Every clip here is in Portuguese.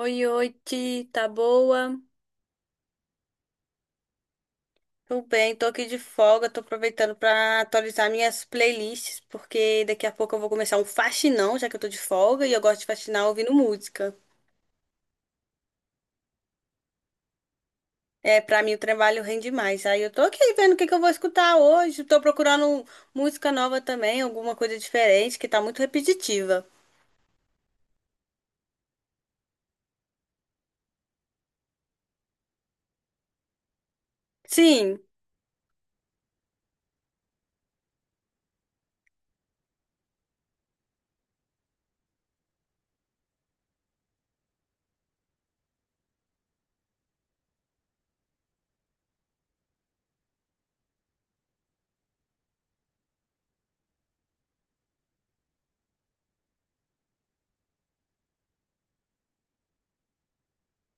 Oi, oi, Ti, tá boa? Tudo bem, tô aqui de folga, tô aproveitando pra atualizar minhas playlists, porque daqui a pouco eu vou começar um faxinão, já que eu tô de folga e eu gosto de faxinar ouvindo música. É, pra mim o trabalho rende mais. Aí eu tô aqui vendo o que eu vou escutar hoje, tô procurando música nova também, alguma coisa diferente, que tá muito repetitiva. Sim,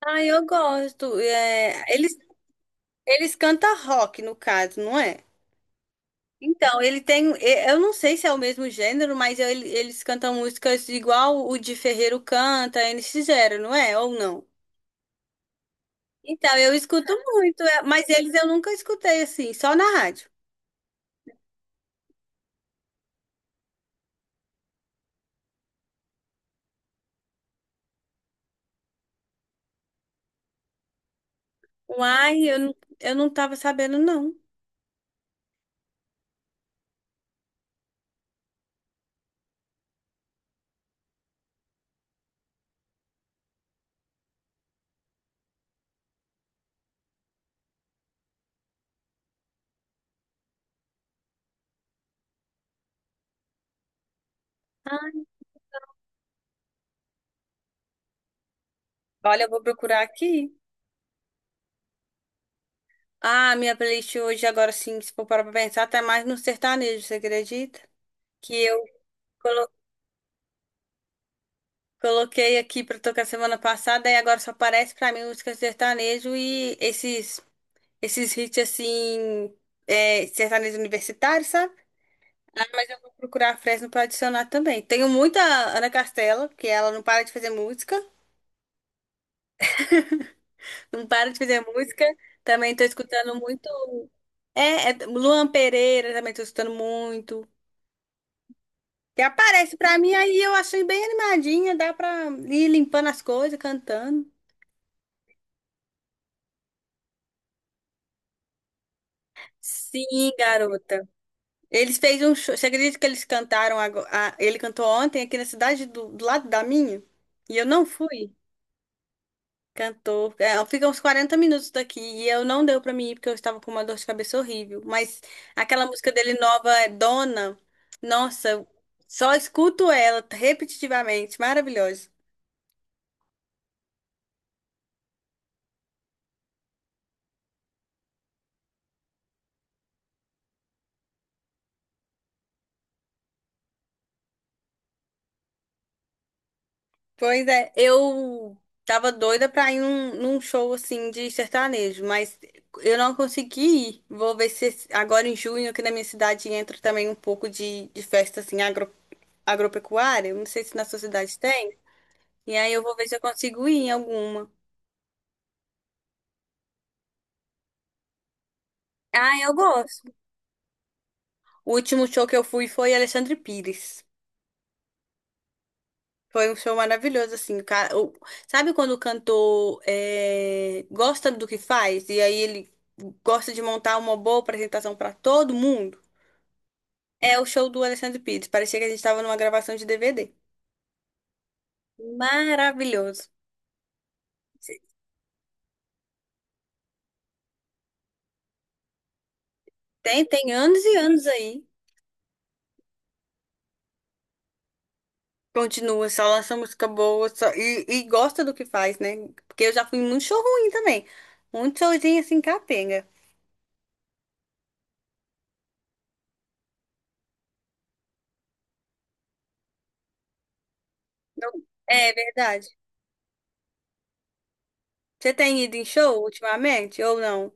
ah, eu gosto. É, eles cantam rock, no caso, não é? Então, ele tem. Eu não sei se é o mesmo gênero, mas eles cantam músicas igual o de Ferreiro canta, eles fizeram, não é? Ou não? Então, eu escuto muito, é, mas eles eu nunca escutei assim, só na rádio. Uai, eu, eu não tava sabendo, não. Ai. Olha, eu vou procurar aqui. Ah, minha playlist hoje, agora sim, se for parar pra pensar, tá mais no sertanejo, você acredita? Que eu colo- coloquei aqui pra tocar semana passada e agora só aparece pra mim música sertanejo e esses. Esses hits assim, é, sertanejo universitário, sabe? Ah, mas eu vou procurar a Fresno pra adicionar também. Tenho muita Ana Castela, que ela não para de fazer música, não para de fazer música. Também tô escutando muito. É, Luan Pereira também tô escutando muito. E aparece pra mim aí, eu achei bem animadinha, dá pra ir limpando as coisas, cantando. Sim, garota. Eles fez um show. Você acredita que eles cantaram agora? Ele cantou ontem aqui na cidade do, do lado da minha? E eu não fui. Cantou. É, fica uns 40 minutos daqui e eu não deu pra mim ir porque eu estava com uma dor de cabeça horrível. Mas aquela música dele nova é Dona. Nossa, eu só escuto ela repetitivamente. Maravilhosa. Pois é, eu tava doida pra ir num show assim de sertanejo, mas eu não consegui ir. Vou ver se agora em junho aqui na minha cidade entra também um pouco de festa assim agro, agropecuária. Não sei se na sua cidade tem. E aí eu vou ver se eu consigo ir em alguma. Ah, eu gosto. O último show que eu fui foi Alexandre Pires. Foi um show maravilhoso, assim. Sabe quando o cantor é, gosta do que faz? E aí ele gosta de montar uma boa apresentação pra todo mundo? É o show do Alexandre Pires. Parecia que a gente estava numa gravação de DVD. Maravilhoso. Tem, anos e anos aí. Continua, só lança música boa, e gosta do que faz, né? Porque eu já fui em muito show ruim também. Muito showzinho assim, capenga. Não- É verdade. Você tem ido em show ultimamente ou não?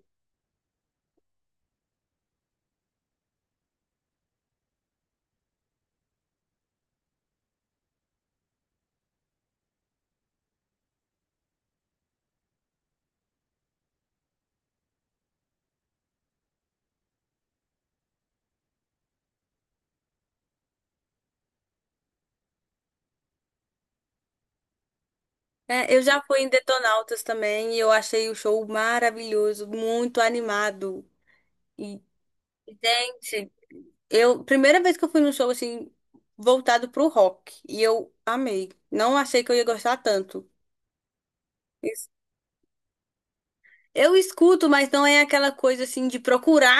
É, eu já fui em Detonautas também e eu achei o show maravilhoso, muito animado. E, gente, eu, primeira vez que eu fui num show assim, voltado pro rock, e eu amei. Não achei que eu ia gostar tanto. Eu escuto, mas não é aquela coisa assim de procurar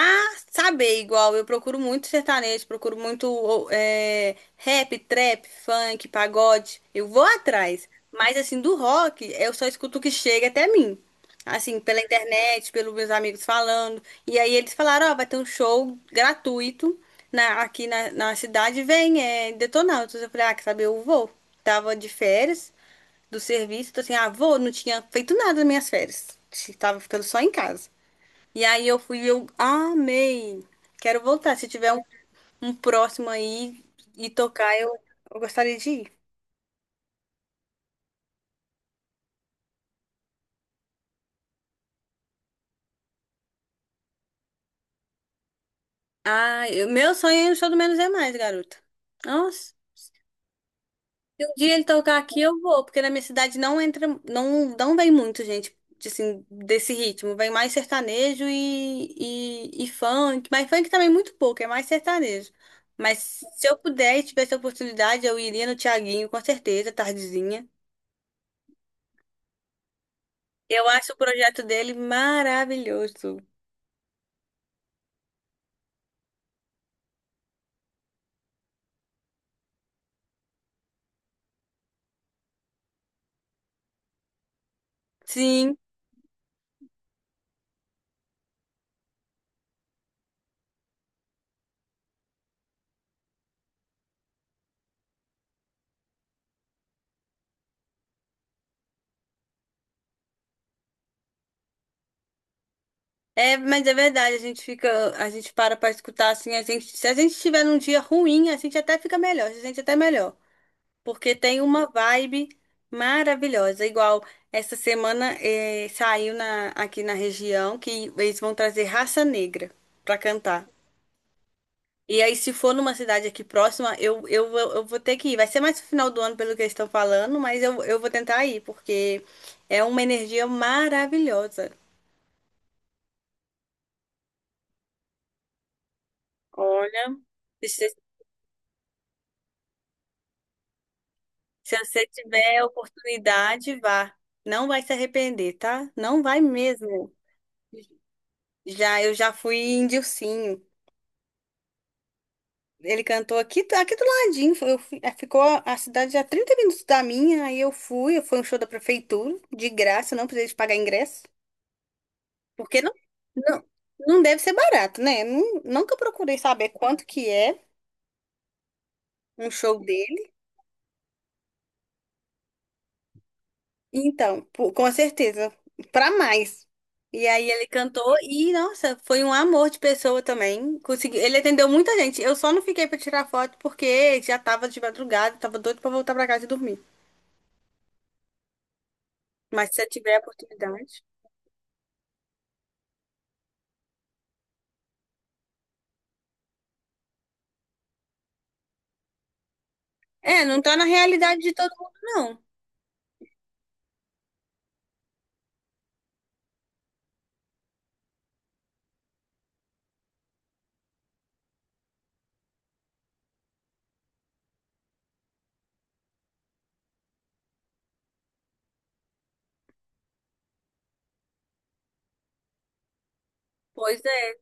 saber igual. Eu procuro muito sertanejo, procuro muito ô, é, rap, trap, funk, pagode. Eu vou atrás. Mas assim, do rock, eu só escuto o que chega até mim. Assim, pela internet, pelos meus amigos falando. E aí eles falaram, ó, vai ter um show gratuito aqui na cidade, vem, é Detonautas. Eu falei, ah, quer saber, eu vou. Tava de férias do serviço. Então, assim, ah, vou, não tinha feito nada nas minhas férias. Tava ficando só em casa. E aí eu fui, e eu amei. Quero voltar. Se tiver um, um próximo aí e tocar, eu gostaria de ir. Ah, meu sonho é o show do Menos é Mais, garota. Nossa. Se um dia ele tocar aqui, eu vou, porque na minha cidade não entra, não, não vem muito gente, de, assim, desse ritmo. Vem mais sertanejo e funk, mas funk também é muito pouco, é mais sertanejo. Mas se eu puder e tivesse a oportunidade, eu iria no Thiaguinho, com certeza, tardezinha. Eu acho o projeto dele maravilhoso. Sim, é, mas é verdade, a gente fica, a gente para pra escutar assim, a gente, se a gente tiver num dia ruim, a gente até fica melhor, a gente até melhor. Porque tem uma vibe maravilhosa. Igual essa semana saiu aqui na região que eles vão trazer Raça Negra pra cantar. E aí, se for numa cidade aqui próxima, eu vou ter que ir. Vai ser mais no final do ano, pelo que eles estão falando, mas eu vou tentar ir, porque é uma energia maravilhosa. Olha, se, você- se você tiver a oportunidade, vá. Não vai se arrepender, tá? Não vai mesmo. Já, eu já fui em Dilcinho. Ele cantou aqui, aqui do ladinho. É, ficou a cidade a 30 minutos da minha, aí eu fui, foi um show da prefeitura, de graça, não precisei de pagar ingresso. Porque não, não deve ser barato, né? Nunca procurei saber quanto que é um show dele. Então, pô, com certeza, pra mais. E aí ele cantou e, nossa, foi um amor de pessoa também. Consegui, ele atendeu muita gente. Eu só não fiquei pra tirar foto porque já tava de madrugada, tava doido pra voltar pra casa e dormir. Mas se eu tiver a oportunidade. É, não tá na realidade de todo mundo, não. Pois é.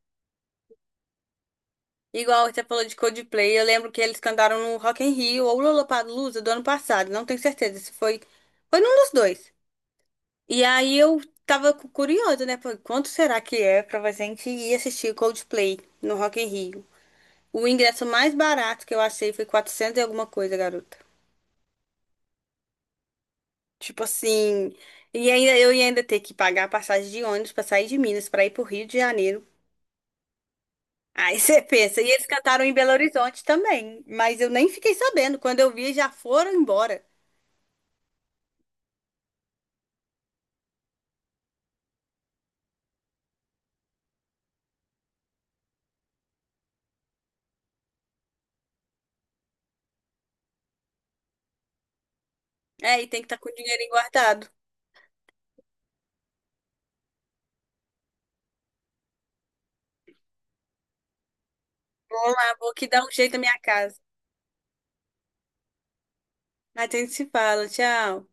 Igual você falou de Coldplay, eu lembro que eles cantaram no Rock in Rio ou Lollapalooza do ano passado, não tenho certeza se foi, foi num dos dois. E aí eu tava curiosa, né? Falei, quanto será que é pra gente ir assistir Coldplay no Rock in Rio? O ingresso mais barato que eu achei foi 400 e alguma coisa, garota. Tipo assim, e ainda eu ia ainda ter que pagar a passagem de ônibus pra sair de Minas pra ir pro Rio de Janeiro. Aí você pensa, e eles cantaram em Belo Horizonte também, mas eu nem fiquei sabendo. Quando eu vi, já foram embora. É, e tem que estar com o dinheirinho guardado. Vou lá, vou que dar um jeito na minha casa. Mas a gente se fala, tchau.